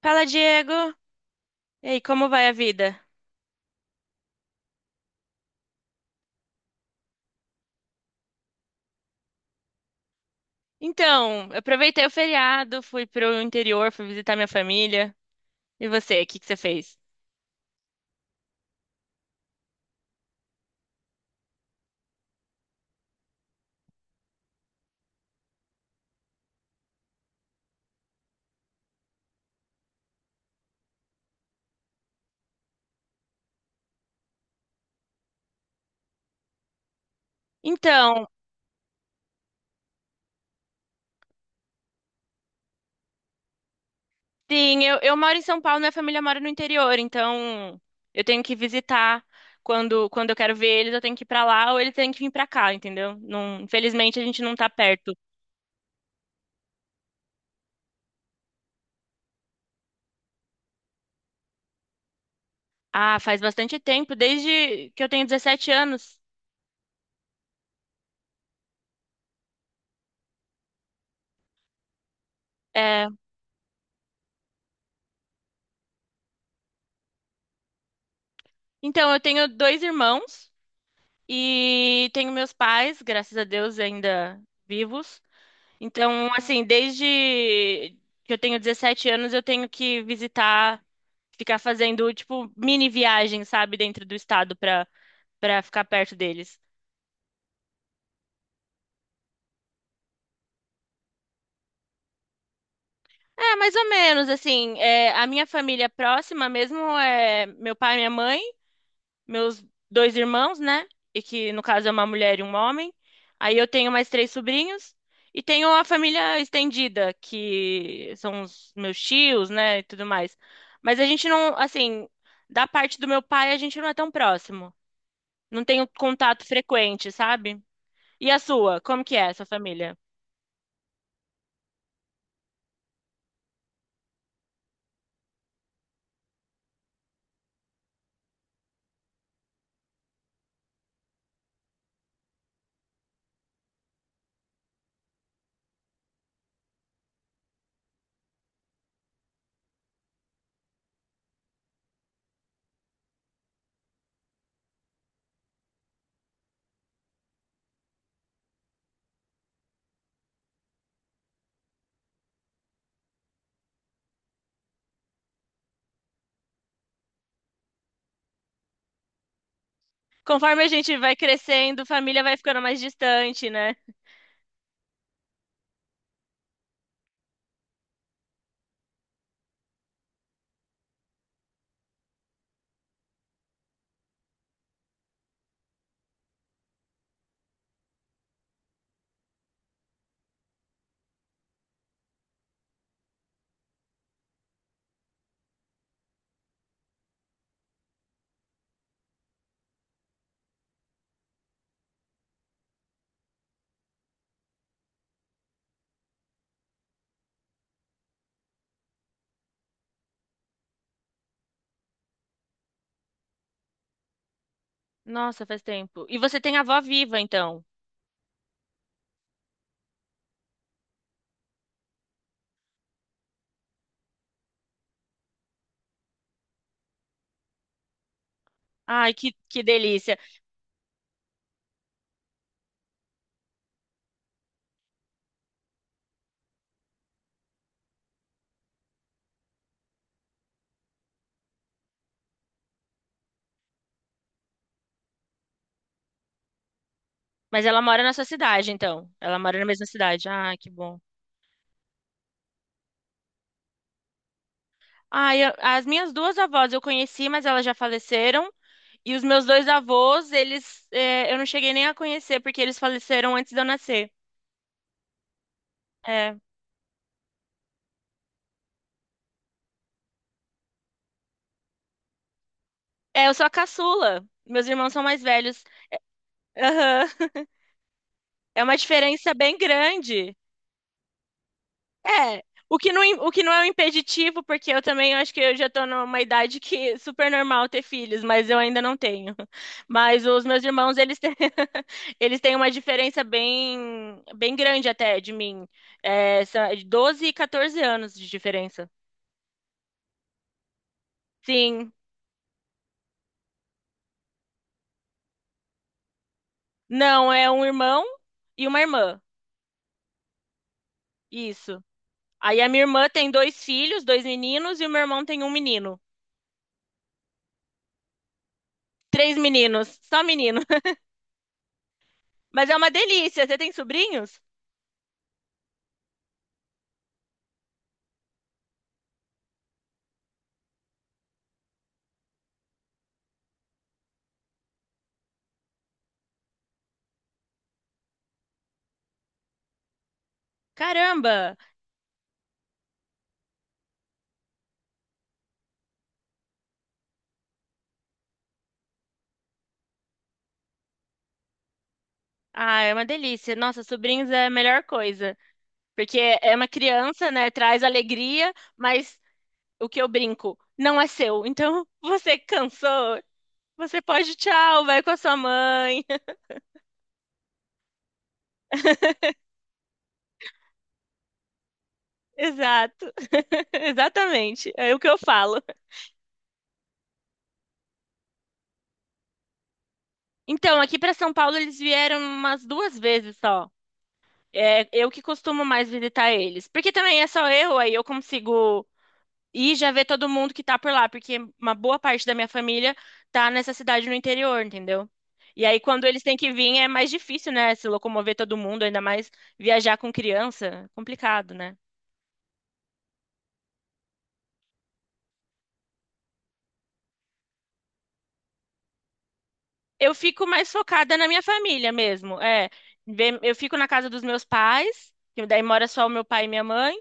Fala, Diego. E aí, como vai a vida? Então, eu aproveitei o feriado, fui pro interior, fui visitar minha família. E você, o que que você fez? Então, sim, eu moro em São Paulo, minha família mora no interior, então eu tenho que visitar quando eu quero ver eles, eu tenho que ir pra lá ou eles têm que vir pra cá, entendeu? Não, infelizmente a gente não tá perto. Ah, faz bastante tempo, desde que eu tenho 17 anos. É, então, eu tenho dois irmãos. E tenho meus pais, graças a Deus, ainda vivos. Então, assim, desde que eu tenho 17 anos, eu tenho que visitar, ficar fazendo, tipo, mini viagem, sabe, dentro do estado para ficar perto deles. É, mais ou menos, assim, é, a minha família próxima mesmo é meu pai e minha mãe, meus dois irmãos, né? E que no caso é uma mulher e um homem. Aí eu tenho mais três sobrinhos e tenho a família estendida, que são os meus tios, né, e tudo mais. Mas a gente não, assim, da parte do meu pai a gente não é tão próximo. Não tenho contato frequente, sabe? E a sua? Como que é essa família? Conforme a gente vai crescendo, família vai ficando mais distante, né? Nossa, faz tempo. E você tem a avó viva, então. Ai, que delícia. Mas ela mora na sua cidade, então. Ela mora na mesma cidade. Ah, que bom. Ah, as minhas duas avós eu conheci, mas elas já faleceram. E os meus dois avós, eles, é, eu não cheguei nem a conhecer, porque eles faleceram antes de eu nascer. É. É, eu sou a caçula. Meus irmãos são mais velhos. Aham. É uma diferença bem grande. É, o que não é um impeditivo, porque eu também acho que eu já tô numa idade que é super normal ter filhos, mas eu ainda não tenho. Mas os meus irmãos, eles têm, eles têm uma diferença bem, bem grande até de mim. É, são 12 e 14 anos de diferença. Sim, não, é um irmão e uma irmã. Isso. Aí a minha irmã tem dois filhos, dois meninos, e o meu irmão tem um menino. Três meninos, só menino. Mas é uma delícia. Você tem sobrinhos? Caramba! Ah, é uma delícia. Nossa, sobrinhos é a melhor coisa. Porque é uma criança, né? Traz alegria, mas o que eu brinco não é seu. Então, você cansou, você pode, tchau, vai com a sua mãe. Exato. Exatamente. É o que eu falo. Então, aqui para São Paulo eles vieram umas duas vezes só. É eu que costumo mais visitar eles. Porque também é só eu, aí eu consigo e já ver todo mundo que tá por lá, porque uma boa parte da minha família tá nessa cidade no interior, entendeu? E aí, quando eles têm que vir, é mais difícil, né? Se locomover todo mundo, ainda mais viajar com criança, complicado, né? Eu fico mais focada na minha família mesmo. É, eu fico na casa dos meus pais, que daí mora só o meu pai e minha mãe.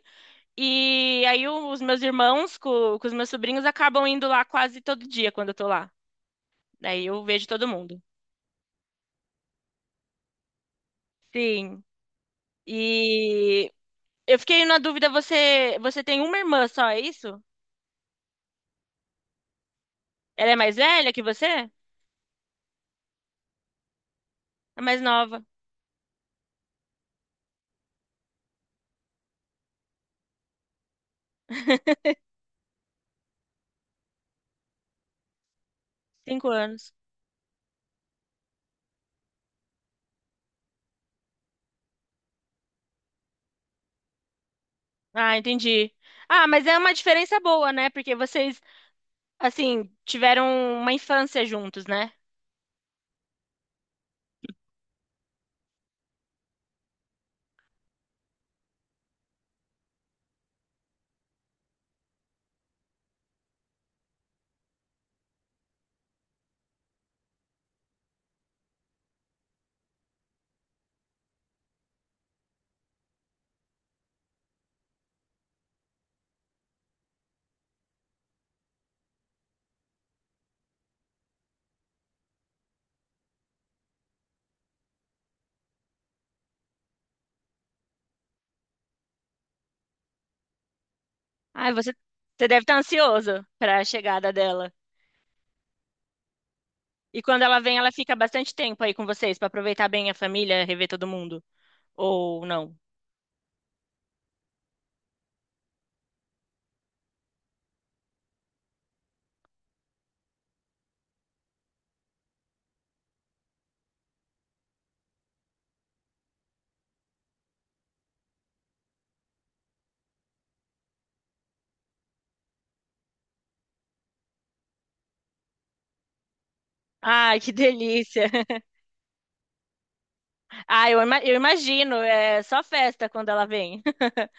E aí, os meus irmãos com os meus sobrinhos acabam indo lá quase todo dia quando eu tô lá. Daí eu vejo todo mundo. Sim. E eu fiquei na dúvida, você tem uma irmã só, é isso? Ela é mais velha que você? É mais nova, 5 anos. Ah, entendi. Ah, mas é uma diferença boa, né? Porque vocês, assim, tiveram uma infância juntos, né? Ah, você deve estar ansioso para a chegada dela. E quando ela vem, ela fica bastante tempo aí com vocês para aproveitar bem a família, rever todo mundo. Ou não? Ai, que delícia! Ah, eu imagino, é só festa quando ela vem.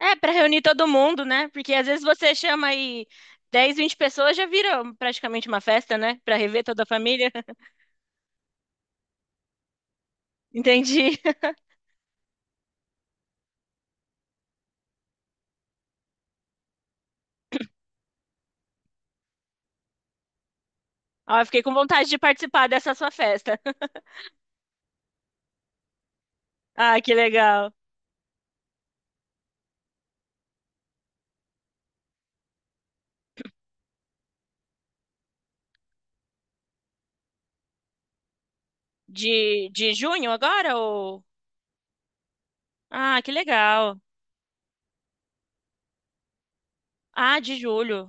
É, para reunir todo mundo, né? Porque às vezes você chama aí 10, 20 pessoas, já vira praticamente uma festa, né? Para rever toda a família. Entendi. Ó, fiquei com vontade de participar dessa sua festa. Ah, que legal. De junho agora? Ou... Ah, que legal. Ah, de julho.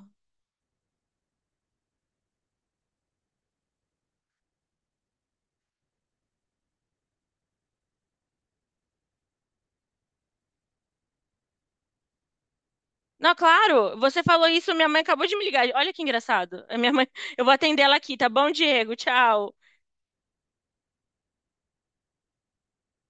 Não, claro, você falou isso, minha mãe acabou de me ligar. Olha que engraçado. A minha mãe, eu vou atender ela aqui, tá bom, Diego? Tchau.